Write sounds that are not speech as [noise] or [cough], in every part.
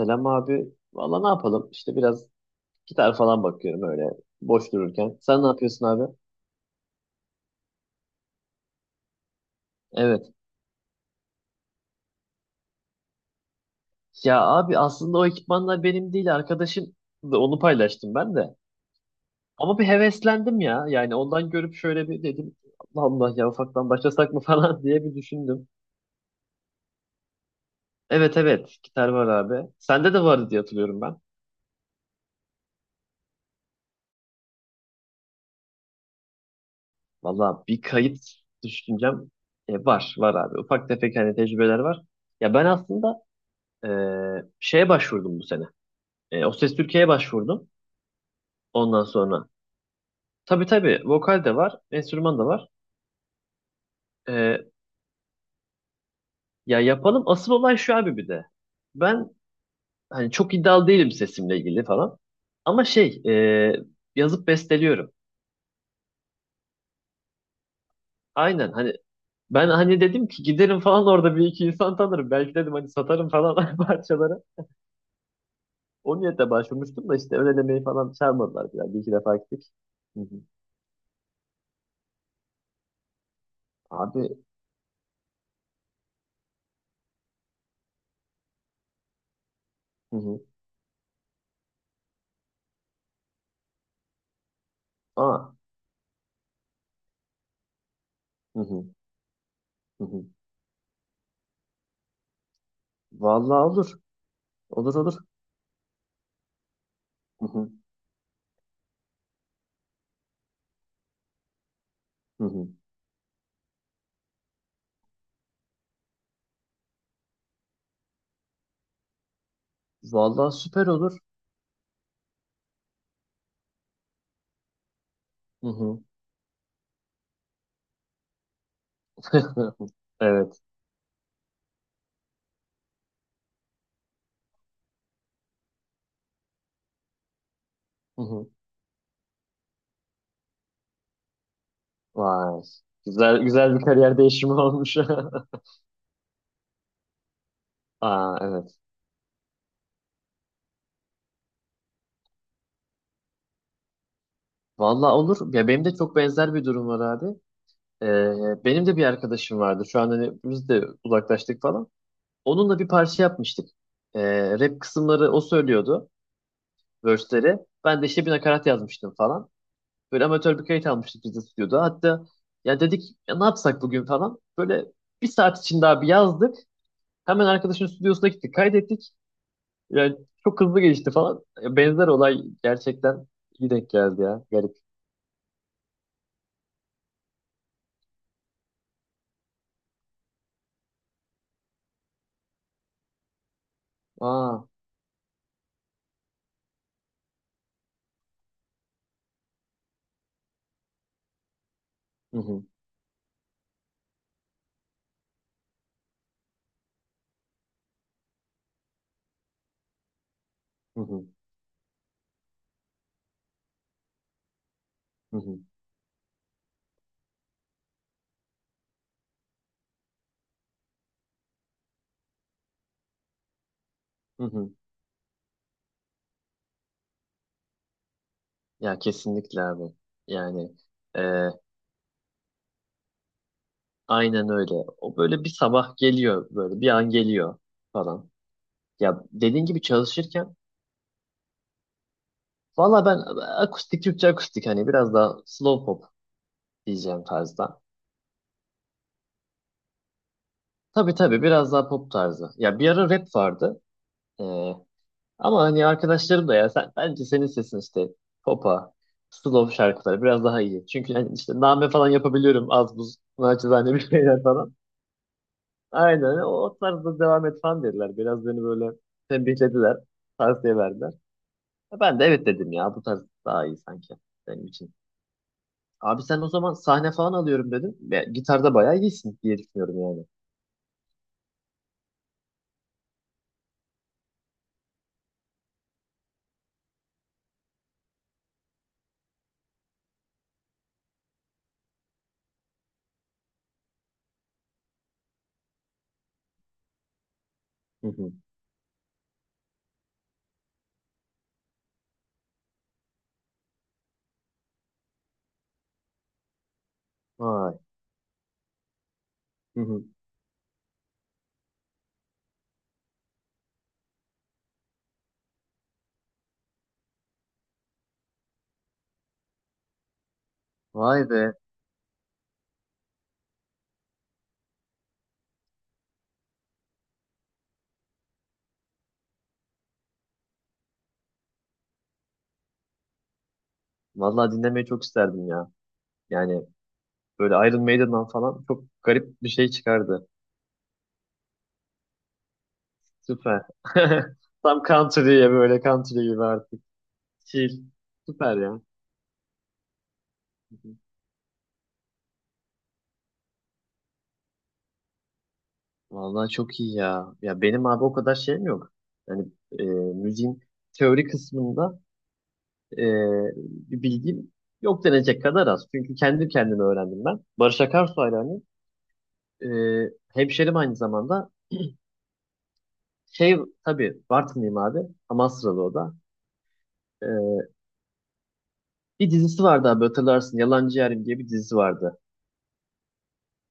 Selam abi. Valla ne yapalım? İşte biraz gitar falan bakıyorum öyle boş dururken. Sen ne yapıyorsun abi? Evet. Ya abi aslında o ekipmanlar benim değil arkadaşım da onu paylaştım ben de. Ama bir heveslendim ya. Yani ondan görüp şöyle bir dedim Allah Allah ya ufaktan başlasak mı [laughs] falan diye bir düşündüm. Evet evet gitar var abi. Sende de vardı diye hatırlıyorum ben. Valla bir kayıt düşüncem var var abi. Ufak tefek hani tecrübeler var. Ya ben aslında e, şeye başvurdum bu sene. O Ses Türkiye'ye başvurdum ondan sonra. Tabii tabii vokal de var, enstrüman da var. E, Ya yapalım. Asıl olay şu abi bir de. Ben hani çok iddialı değilim sesimle ilgili falan. Ama şey e, yazıp besteliyorum. Aynen hani ben hani dedim ki giderim falan orada bir iki insan tanırım. Belki dedim hani satarım falan [laughs] parçaları. O niyetle başvurmuştum da işte ön elemeyi falan çağırmadılar. Yani bir iki defa gittik. Hı hı. Abi hı hı. Aa. Hı hı. Hı hı. Vallahi olur. Olur olur. Hı hı. Hı hı. Vallahi süper olur. Hı hı. [laughs] Evet. Hı hı. Vay. Güzel güzel bir kariyer değişimi olmuş. [laughs] Aa, evet. Vallahi olur. Ya benim de çok benzer bir durum var abi. Benim de bir arkadaşım vardı. Şu an hani biz de uzaklaştık falan. Onunla bir parça yapmıştık. Rap kısımları o söylüyordu. Verse'leri. Ben de işte bir nakarat yazmıştım falan. Böyle amatör bir kayıt almıştık biz de stüdyoda. Hatta ya dedik ya ne yapsak bugün falan. Böyle bir saat içinde abi yazdık. Hemen arkadaşın stüdyosuna gittik, kaydettik. Yani çok hızlı gelişti falan. Ya Benzer olay gerçekten iyi denk geldi ya. Garip. Aa. Hı hı, hı hı, hı hı, hı hı. Ya kesinlikle abi. Yani e, aynen öyle. O böyle bir sabah geliyor böyle bir an geliyor falan. Ya dediğin gibi çalışırken valla ben akustik Türkçe akustik hani biraz daha slow pop diyeceğim tarzda. Tabii tabii biraz daha pop tarzı. Ya bir ara rap vardı. E, Ama hani arkadaşlarım da ya sen bence senin sesin işte popa, slow şarkıları biraz daha iyi. Çünkü hani işte name falan yapabiliyorum az buz naçizane bir [laughs] şeyler falan. Aynen o, o tarzda devam et falan dediler. Biraz beni böyle tembihlediler, tavsiye verdiler. Ya Ben de evet dedim ya bu tarz daha iyi sanki benim için. Abi sen o zaman sahne falan alıyorum dedim. Ya, gitarda bayağı iyisin diye düşünüyorum yani. Hı hı. Vay. Hı hı. Vay be. Vallahi dinlemeyi çok isterdim ya. Yani Böyle Iron Maiden'dan falan çok garip bir şey çıkardı. Süper. [laughs] Tam country'ye böyle country gibi artık. Chill. Süper ya. Vallahi çok iyi ya. Ya benim abi o kadar şeyim yok. Yani müziğin teori kısmında e, bir bilgim yok denecek kadar az. Çünkü kendi kendime öğrendim ben. Barış Akarsu hayranıyım. E, Hemşerim aynı zamanda. Şey tabii Bartınlıyım abi. Amasralı o da. E, Bir dizisi vardı abi hatırlarsın. Yalancı Yarim diye bir dizisi vardı.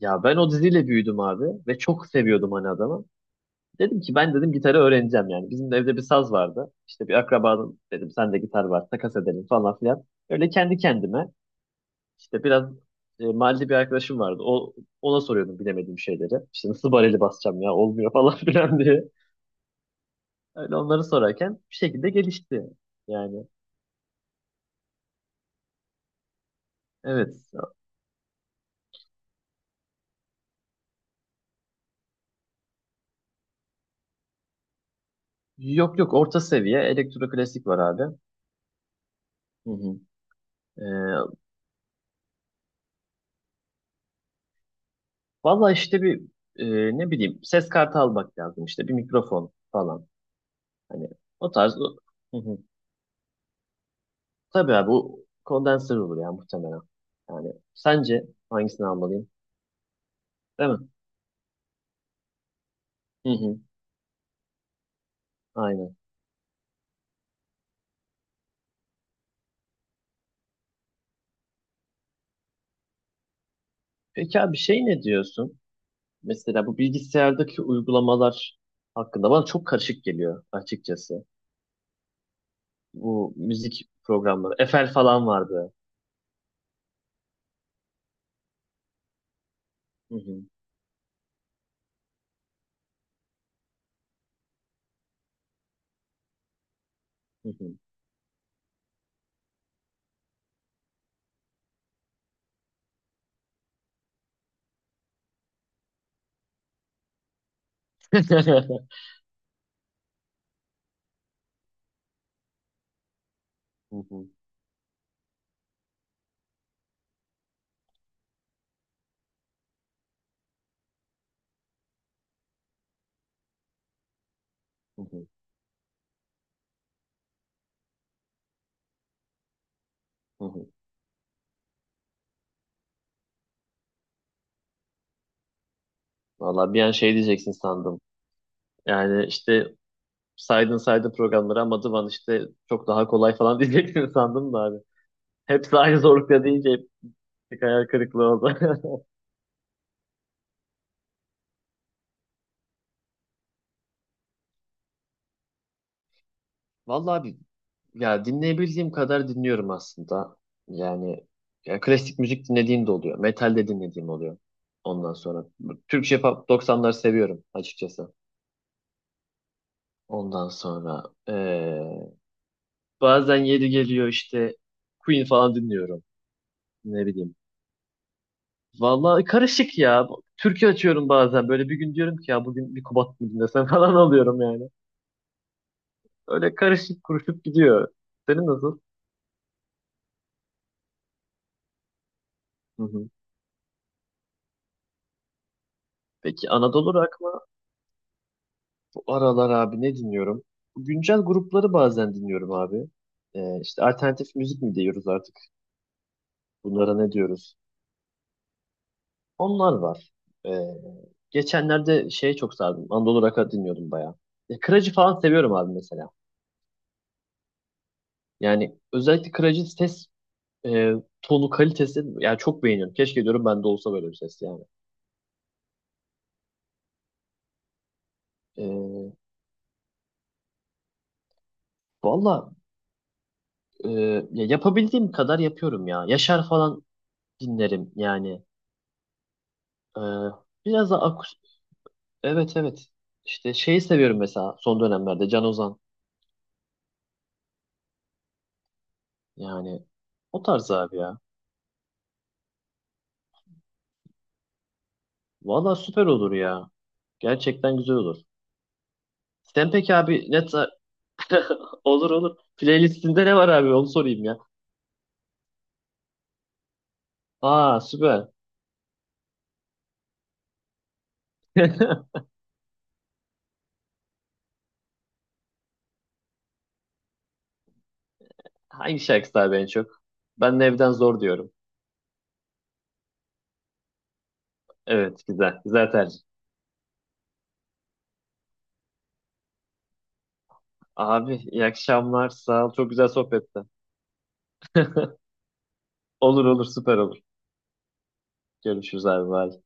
Ya ben o diziyle büyüdüm abi ve çok seviyordum hani adamı. Dedim ki ben dedim gitarı öğreneceğim yani. Bizim de evde bir saz vardı. İşte bir akrabanın dedim sende gitar var takas edelim falan filan. Öyle kendi kendime işte biraz mahalle bir arkadaşım vardı. O, ona soruyordum bilemediğim şeyleri. İşte nasıl bareli basacağım ya olmuyor falan [laughs] filan diye. Öyle onları sorarken bir şekilde gelişti. Yani evet. Yok yok orta seviye elektro klasik var abi. Hı hı. Valla işte bir ne bileyim ses kartı almak lazım işte bir mikrofon falan. Hani o tarz. Hı hı. Tabii abi bu kondenser olur ya muhtemelen. Yani sence hangisini almalıyım? Değil mi? Hı hı. Aynen. Peki abi şey ne diyorsun? Mesela bu bilgisayardaki uygulamalar hakkında bana çok karışık geliyor açıkçası. Bu müzik programları. Efel falan vardı. Hı hı. Hı hı. [laughs] Hı hı. Hı hı. Hı hı. Valla bir an şey diyeceksin sandım. Yani işte saydın saydın programları ama Dıvan işte çok daha kolay falan [laughs] diyeceksin sandım da abi. Hepsi aynı zorlukta deyince hep bir hayal kırıklığı oldu. [laughs] Vallahi abi ya dinleyebildiğim kadar dinliyorum aslında. Yani ya klasik müzik dinlediğim de oluyor. Metal de dinlediğim oluyor. Ondan sonra Türkçe pop doksanları seviyorum açıkçası. Ondan sonra eee, bazen yeri geliyor işte Queen falan dinliyorum. Ne bileyim Vallahi karışık ya. Türkü açıyorum bazen. Böyle bir gün diyorum ki ya bugün bir Kubat mı dinlesem [laughs] falan alıyorum yani. Öyle karışık kuruşup gidiyor. Senin nasıl? Hı hı. Peki Anadolu Rock mı? Bu aralar abi ne dinliyorum? Güncel grupları bazen dinliyorum abi. İşte alternatif müzik mi diyoruz artık? Bunlara ne diyoruz? Onlar var. Ee, geçenlerde şeye çok sardım. Anadolu Rock'a dinliyordum bayağı. Ya, Kıracı falan seviyorum abi mesela. Yani özellikle Kıracı ses e, tonu kalitesi yani çok beğeniyorum. Keşke diyorum ben de olsa böyle bir ses yani. E, Valla e, ya yapabildiğim kadar yapıyorum ya. Yaşar falan dinlerim yani. E, Biraz da evet evet. İşte şeyi seviyorum mesela son dönemlerde Can Ozan. Yani o tarz abi ya. Valla süper olur ya. Gerçekten güzel olur. Sen peki abi net [laughs] olur olur. Playlistinde ne var abi onu sorayım ya. Aa süper. [laughs] Hangi şarkısı abi en çok? Ben de evden zor diyorum. Evet güzel. Güzel tercih. Abi iyi akşamlar. Sağ ol. Çok güzel sohbetti. Olur olur süper olur. Görüşürüz abi. Bye.